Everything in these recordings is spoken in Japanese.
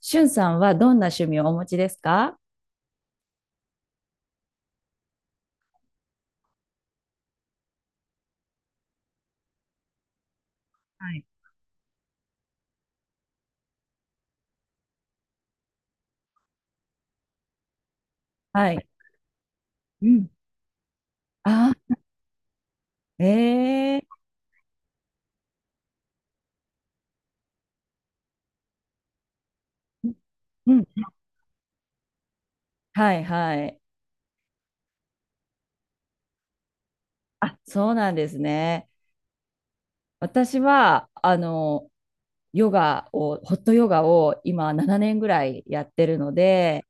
しゅんさんはどんな趣味をお持ちですか？はい。はい。うん。あ、ええ、うん。はいはい。あ、そうなんですね。私は、ヨガを、ホットヨガを今7年ぐらいやってるので、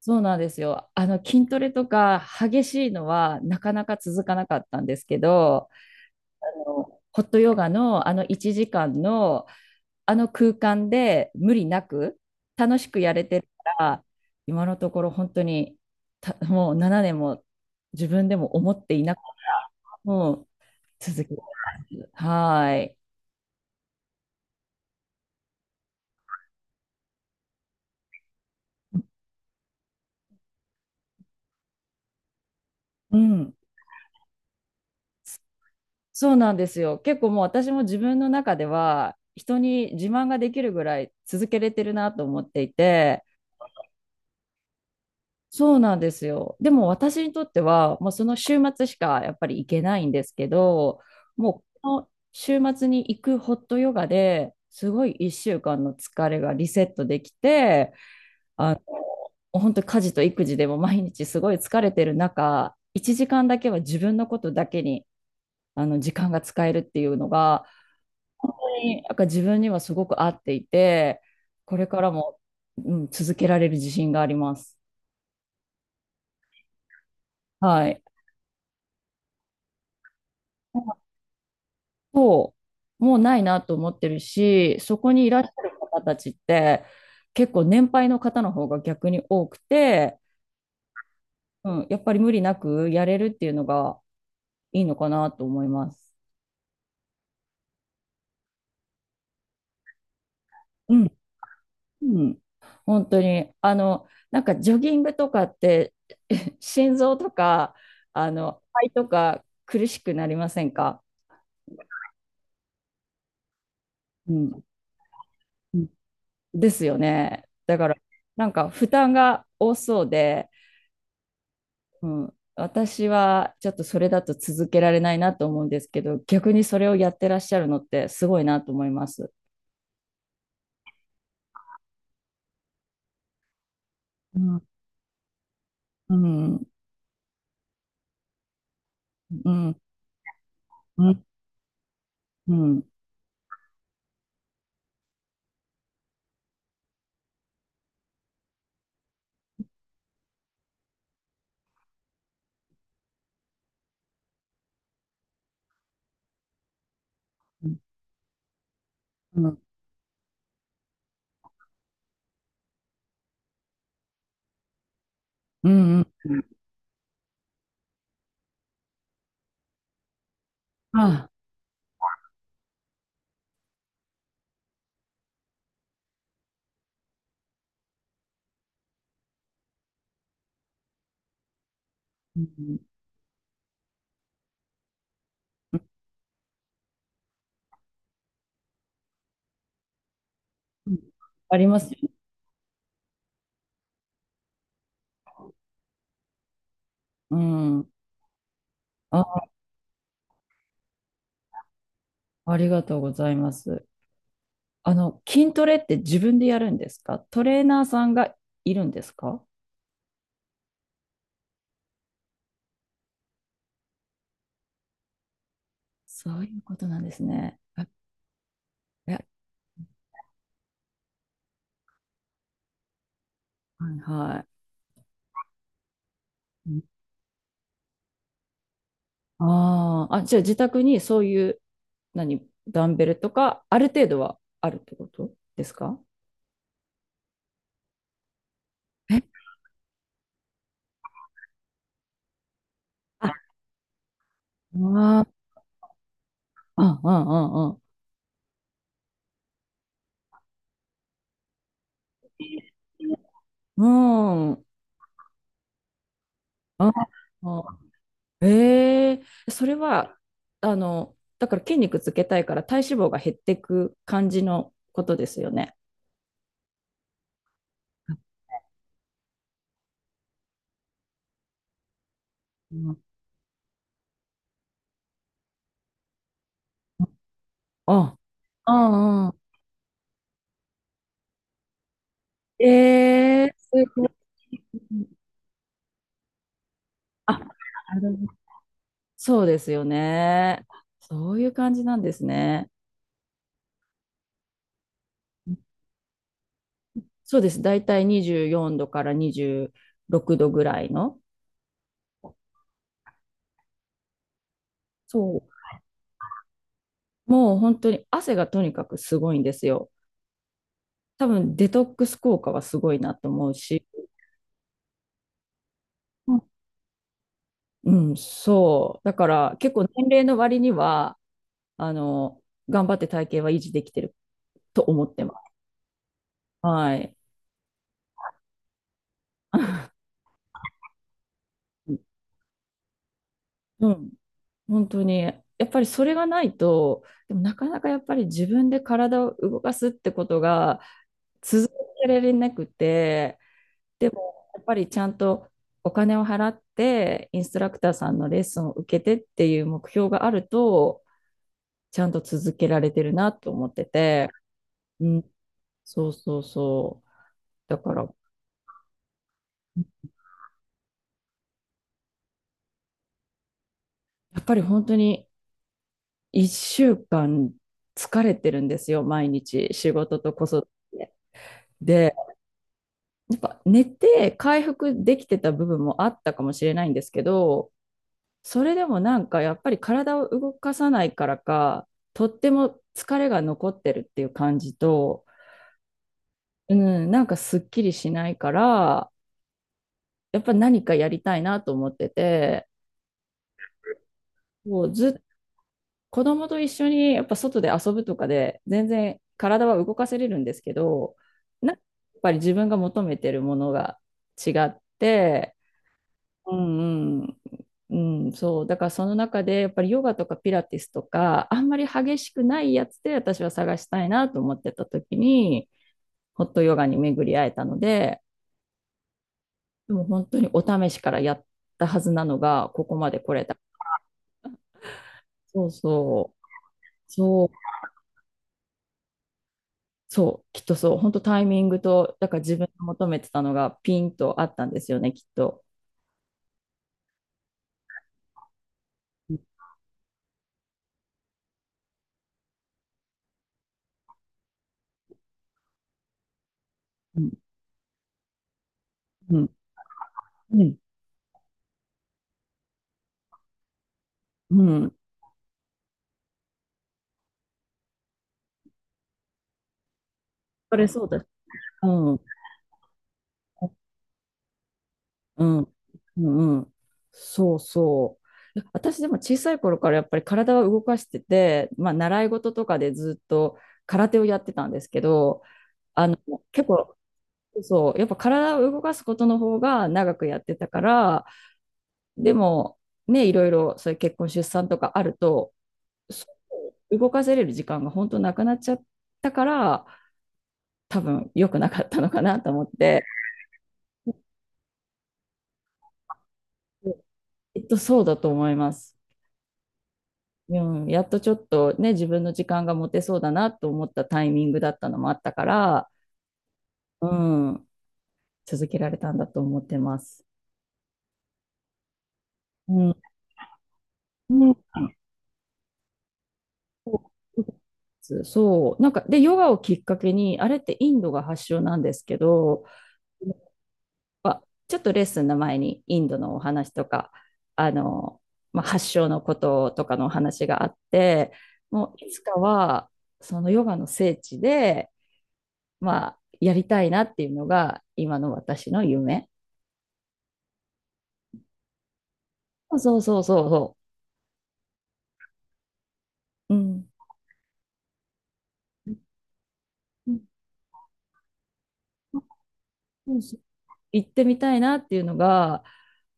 そうなんですよ。筋トレとか激しいのはなかなか続かなかったんですけど、ホットヨガのあの1時間のあの空間で無理なく楽しくやれてるから、今のところ本当にもう7年も自分でも思っていなく、もう続けます。はーい、うん、そうなんですよ。結構もう私も自分の中では人に自慢ができるぐらい続けれてるなと思っていて、そうなんですよ。でも私にとっては、もうその週末しかやっぱり行けないんですけど、もうこの週末に行くホットヨガですごい1週間の疲れがリセットできて、あの、本当家事と育児でも毎日すごい疲れてる中、1時間だけは自分のことだけにあの時間が使えるっていうのが、本当になんか自分にはすごく合っていて、これからも、うん、続けられる自信があります。はい。そう、もうないなと思ってるし、そこにいらっしゃる方たちって結構年配の方の方が逆に多くて、うん、やっぱり無理なくやれるっていうのがいいのかなと思います。うん、うん、本当に。なんかジョギングとかって 心臓とか、肺とか苦しくなりませんか？うん、うん、ですよね。だから、なんか負担が多そうで、うん、私はちょっとそれだと続けられないなと思うんですけど、逆にそれをやってらっしゃるのってすごいなと思います。うん、うん、うん、うん、うん、うん、うん、うん、うん、あ、うん、うん、ありますよね。うん。あ、ありがとうございます。筋トレって自分でやるんですか？トレーナーさんがいるんですか？そういうことなんですね。あ、え、え、はいはい。ああ、ー、あ、じゃあ自宅にそういう何、ダンベルとか、ある程度はあるってことですか？え、あああ、あ、あ、ああ、うん、あ、あ、ええーそれは、だから筋肉つけたいから体脂肪が減っていく感じのことですよね。うん、あ、あ、あ、ええーすごい。あ、なるほど、そうですよね。そういう感じなんですね。そうです。だいたい24度から26度ぐらいの。そう。もう本当に汗がとにかくすごいんですよ。多分デトックス効果はすごいなと思うし。うん、うん、そう。だから結構年齢の割には、あの、頑張って体型は維持できてると思ってます。はい。うん、本当に。やっぱりそれがないと、でもなかなかやっぱり自分で体を動かすってことが続けられなくて、でも、やっぱりちゃんとお金を払って、インストラクターさんのレッスンを受けてっていう目標があると、ちゃんと続けられてるなと思ってて、うん、そうそうそう。だから、やっぱり本当に1週間疲れてるんですよ、毎日、仕事と子育て。で、やっぱ寝て回復できてた部分もあったかもしれないんですけど、それでもなんかやっぱり体を動かさないからか、とっても疲れが残ってるっていう感じと、うん、なんかすっきりしないから、やっぱ何かやりたいなと思ってて、もうずっと子供と一緒にやっぱ外で遊ぶとかで全然体は動かせれるんですけど、なんかやっぱり自分が求めてるものが違って、うんうんうん、そう。だからその中で、やっぱりヨガとかピラティスとか、あんまり激しくないやつで私は探したいなと思ってた時に、ホットヨガに巡り会えたので、でも本当にお試しからやったはずなのが、ここまで来れた。そうそう。そう、そう、きっとそう。本当タイミングと、だから自分が求めてたのがピンとあったんですよね、きっと。うん、うん、うん、うん。それそうだ。うん。うん、うん、うん、そうそう。私でも小さい頃からやっぱり体は動かしてて、まあ、習い事とかでずっと空手をやってたんですけど、あの結構そう、やっぱ体を動かすことの方が長くやってたから、でもね、いろいろそういう結婚、出産とかあると、そう動かせれる時間が本当なくなっちゃったから、多分良くなかったのかなと思って、きっとそうだと思います。うん、やっとちょっとね、自分の時間が持てそうだなと思ったタイミングだったのもあったから、うん、続けられたんだと思ってます。うん。うん、そう。なんか、で、ヨガをきっかけに、あれってインドが発祥なんですけど、まあちょっとレッスンの前にインドのお話とか、あの、まあ、発祥のこととかのお話があって、もういつかは、そのヨガの聖地で、まあ、やりたいなっていうのが、今の私の夢。そうそうそうそう。うん。うん、そう、行ってみたいなっていうのが、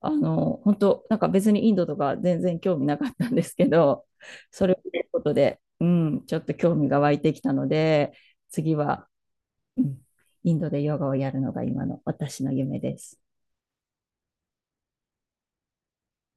本当なんか別にインドとか全然興味なかったんですけど、それを見ることで、うん、ちょっと興味が湧いてきたので、次は、うん、インドでヨガをやるのが今の私の夢です。